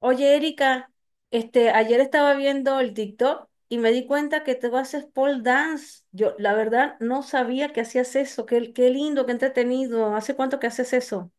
Oye, Erika, ayer estaba viendo el TikTok y me di cuenta que tú haces pole dance. Yo, la verdad, no sabía que hacías eso. Qué lindo, qué entretenido. ¿Hace cuánto que haces eso?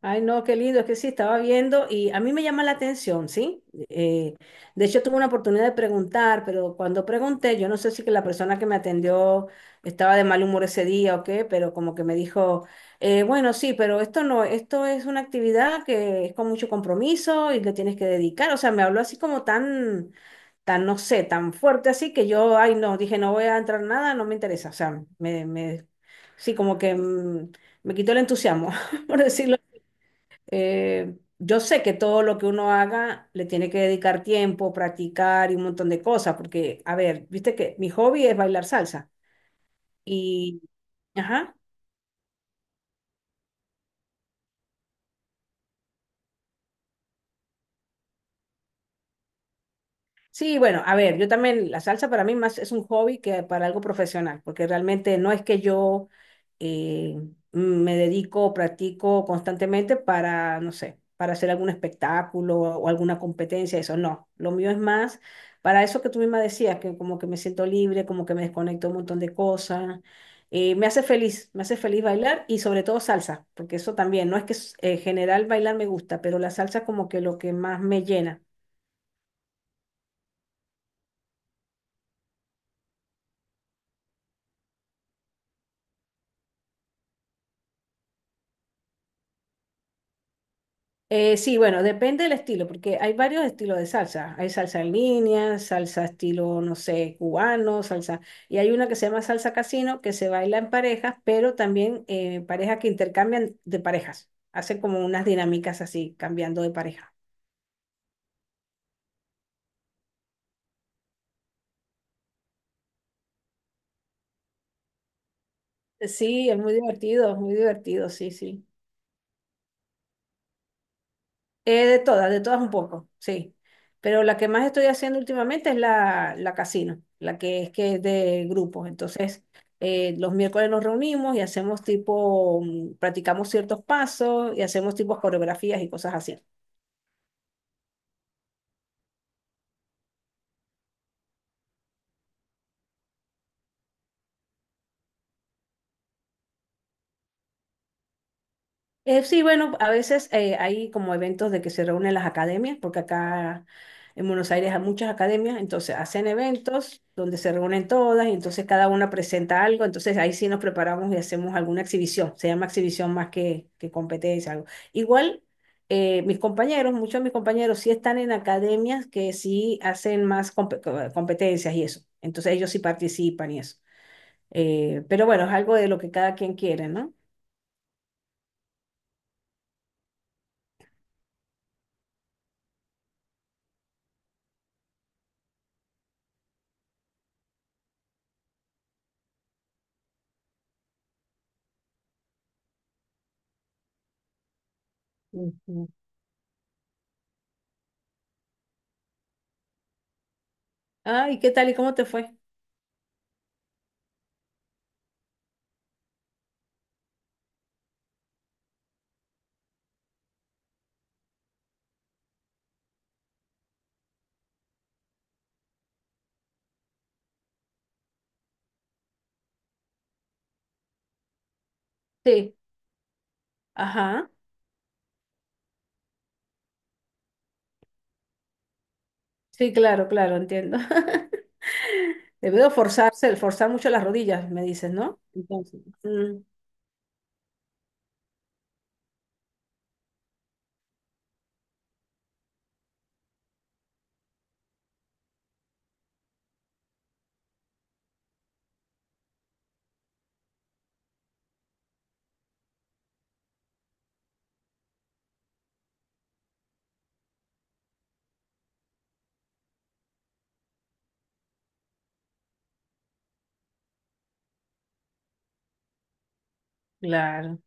Ay, no, qué lindo, es que sí, estaba viendo y a mí me llama la atención, ¿sí? De hecho, tuve una oportunidad de preguntar, pero cuando pregunté, yo no sé si que la persona que me atendió estaba de mal humor ese día o qué, pero como que me dijo, bueno, sí, pero esto no, esto es una actividad que es con mucho compromiso y que tienes que dedicar, o sea, me habló así como tan, tan, no sé, tan fuerte así que yo, ay, no, dije, no voy a entrar nada, no me interesa, o sea, sí, como que me quitó el entusiasmo, por decirlo yo sé que todo lo que uno haga le tiene que dedicar tiempo, practicar y un montón de cosas, porque, a ver, viste que mi hobby es bailar salsa y, ajá. Sí, bueno, a ver, yo también, la salsa para mí más es un hobby que para algo profesional, porque realmente no es que yo, eh, me dedico o practico constantemente para, no sé, para hacer algún espectáculo o alguna competencia, eso no. Lo mío es más para eso que tú misma decías, que como que me siento libre, como que me desconecto un montón de cosas. Me hace feliz, me hace feliz bailar y sobre todo salsa, porque eso también, no es que en general bailar me gusta, pero la salsa como que lo que más me llena. Sí, bueno, depende del estilo, porque hay varios estilos de salsa. Hay salsa en línea, salsa estilo, no sé, cubano, salsa. Y hay una que se llama salsa casino, que se baila en parejas, pero también parejas que intercambian de parejas. Hacen como unas dinámicas así, cambiando de pareja. Sí, es muy divertido, sí, sí. De todas un poco, sí. Pero la que más estoy haciendo últimamente es la casino, la que es de grupos. Entonces, los miércoles nos reunimos y hacemos tipo, practicamos ciertos pasos y hacemos tipo coreografías y cosas así. Sí, bueno, a veces hay como eventos de que se reúnen las academias, porque acá en Buenos Aires hay muchas academias, entonces hacen eventos donde se reúnen todas y entonces cada una presenta algo, entonces ahí sí nos preparamos y hacemos alguna exhibición, se llama exhibición más que competencia, algo. Igual, mis compañeros, muchos de mis compañeros sí están en academias que sí hacen más competencias y eso, entonces ellos sí participan y eso. Pero bueno, es algo de lo que cada quien quiere, ¿no? Ujú. Ah, ¿y qué tal y cómo te fue? Sí. Ajá. Sí, claro, claro, entiendo. Debe forzarse, forzar mucho las rodillas, me dices, ¿no? Entonces. Claro,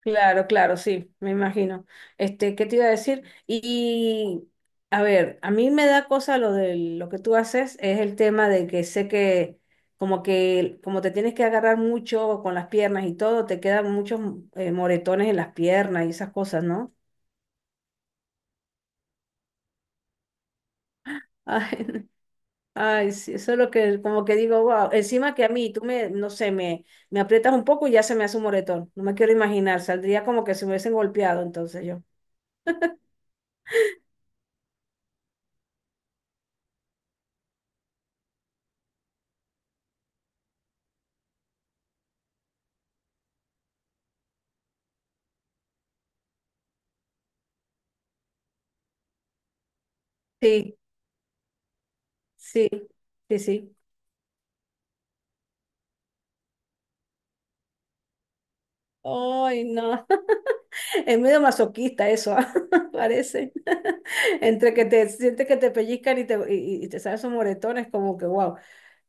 claro, claro, sí, me imagino. ¿Qué te iba a decir? Y, a ver, a mí me da cosa lo de lo que tú haces, es el tema de que sé que como te tienes que agarrar mucho con las piernas y todo, te quedan muchos moretones en las piernas y esas cosas, ¿no? Ay, sí, eso es lo que como que digo, wow, encima que a mí, tú me, no sé, me aprietas un poco y ya se me hace un moretón, no me quiero imaginar, saldría como que se me hubiesen golpeado entonces yo. Sí, sí, sí, sí. Ay, no, es medio masoquista eso, ah, parece. Entre que te sientes que te pellizcan y te salen esos moretones, como que wow.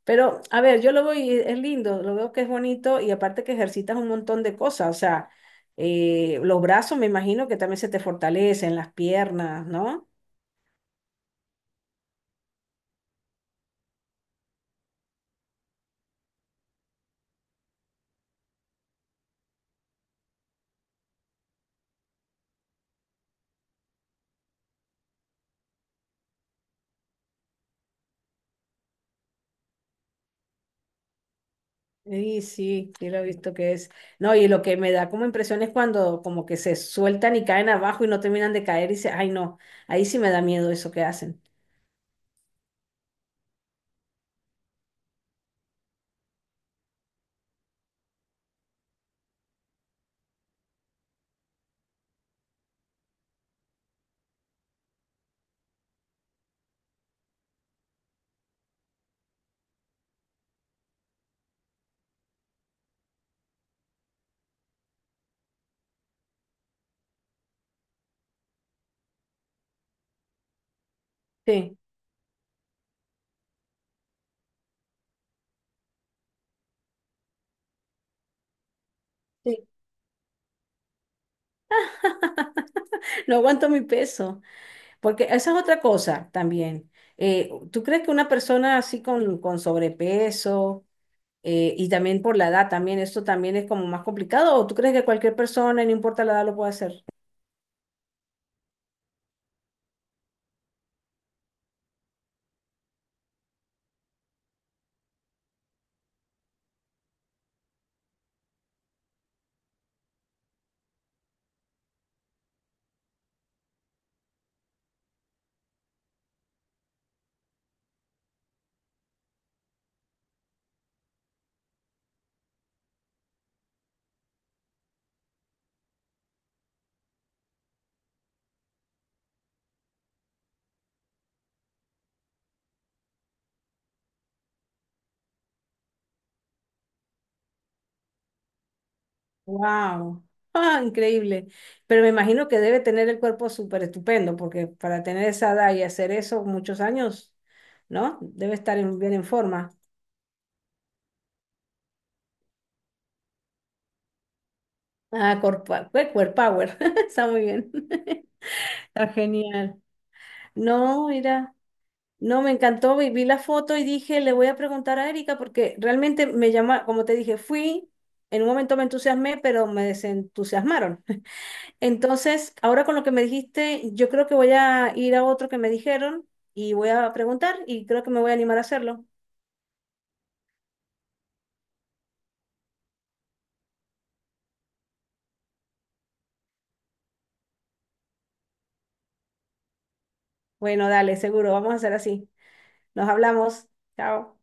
Pero, a ver, yo lo voy, es lindo, lo veo que es bonito y aparte que ejercitas un montón de cosas, o sea, los brazos me imagino que también se te fortalecen, las piernas, ¿no? Sí, sí, sí lo he visto que es. No, y lo que me da como impresión es cuando como que se sueltan y caen abajo y no terminan de caer y dice, ay no, ahí sí me da miedo eso que hacen. Sí. Sí. No aguanto mi peso, porque esa es otra cosa también. ¿Tú crees que una persona así con sobrepeso… Y también por la edad, también esto también es como más complicado. ¿O tú crees que cualquier persona, no importa la edad, lo puede hacer? ¡Wow! ¡Ah, increíble! Pero me imagino que debe tener el cuerpo súper estupendo, porque para tener esa edad y hacer eso muchos años, ¿no? Debe estar bien en forma. Ah, Core Power, Power. Está muy bien. Está genial. No, mira. No, me encantó, vi, vi la foto y dije, le voy a preguntar a Erika porque realmente me llama, como te dije, fui, en un momento me entusiasmé, pero me desentusiasmaron. Entonces, ahora con lo que me dijiste, yo creo que voy a ir a otro que me dijeron y voy a preguntar y creo que me voy a animar a hacerlo. Bueno, dale, seguro, vamos a hacer así. Nos hablamos. Chao.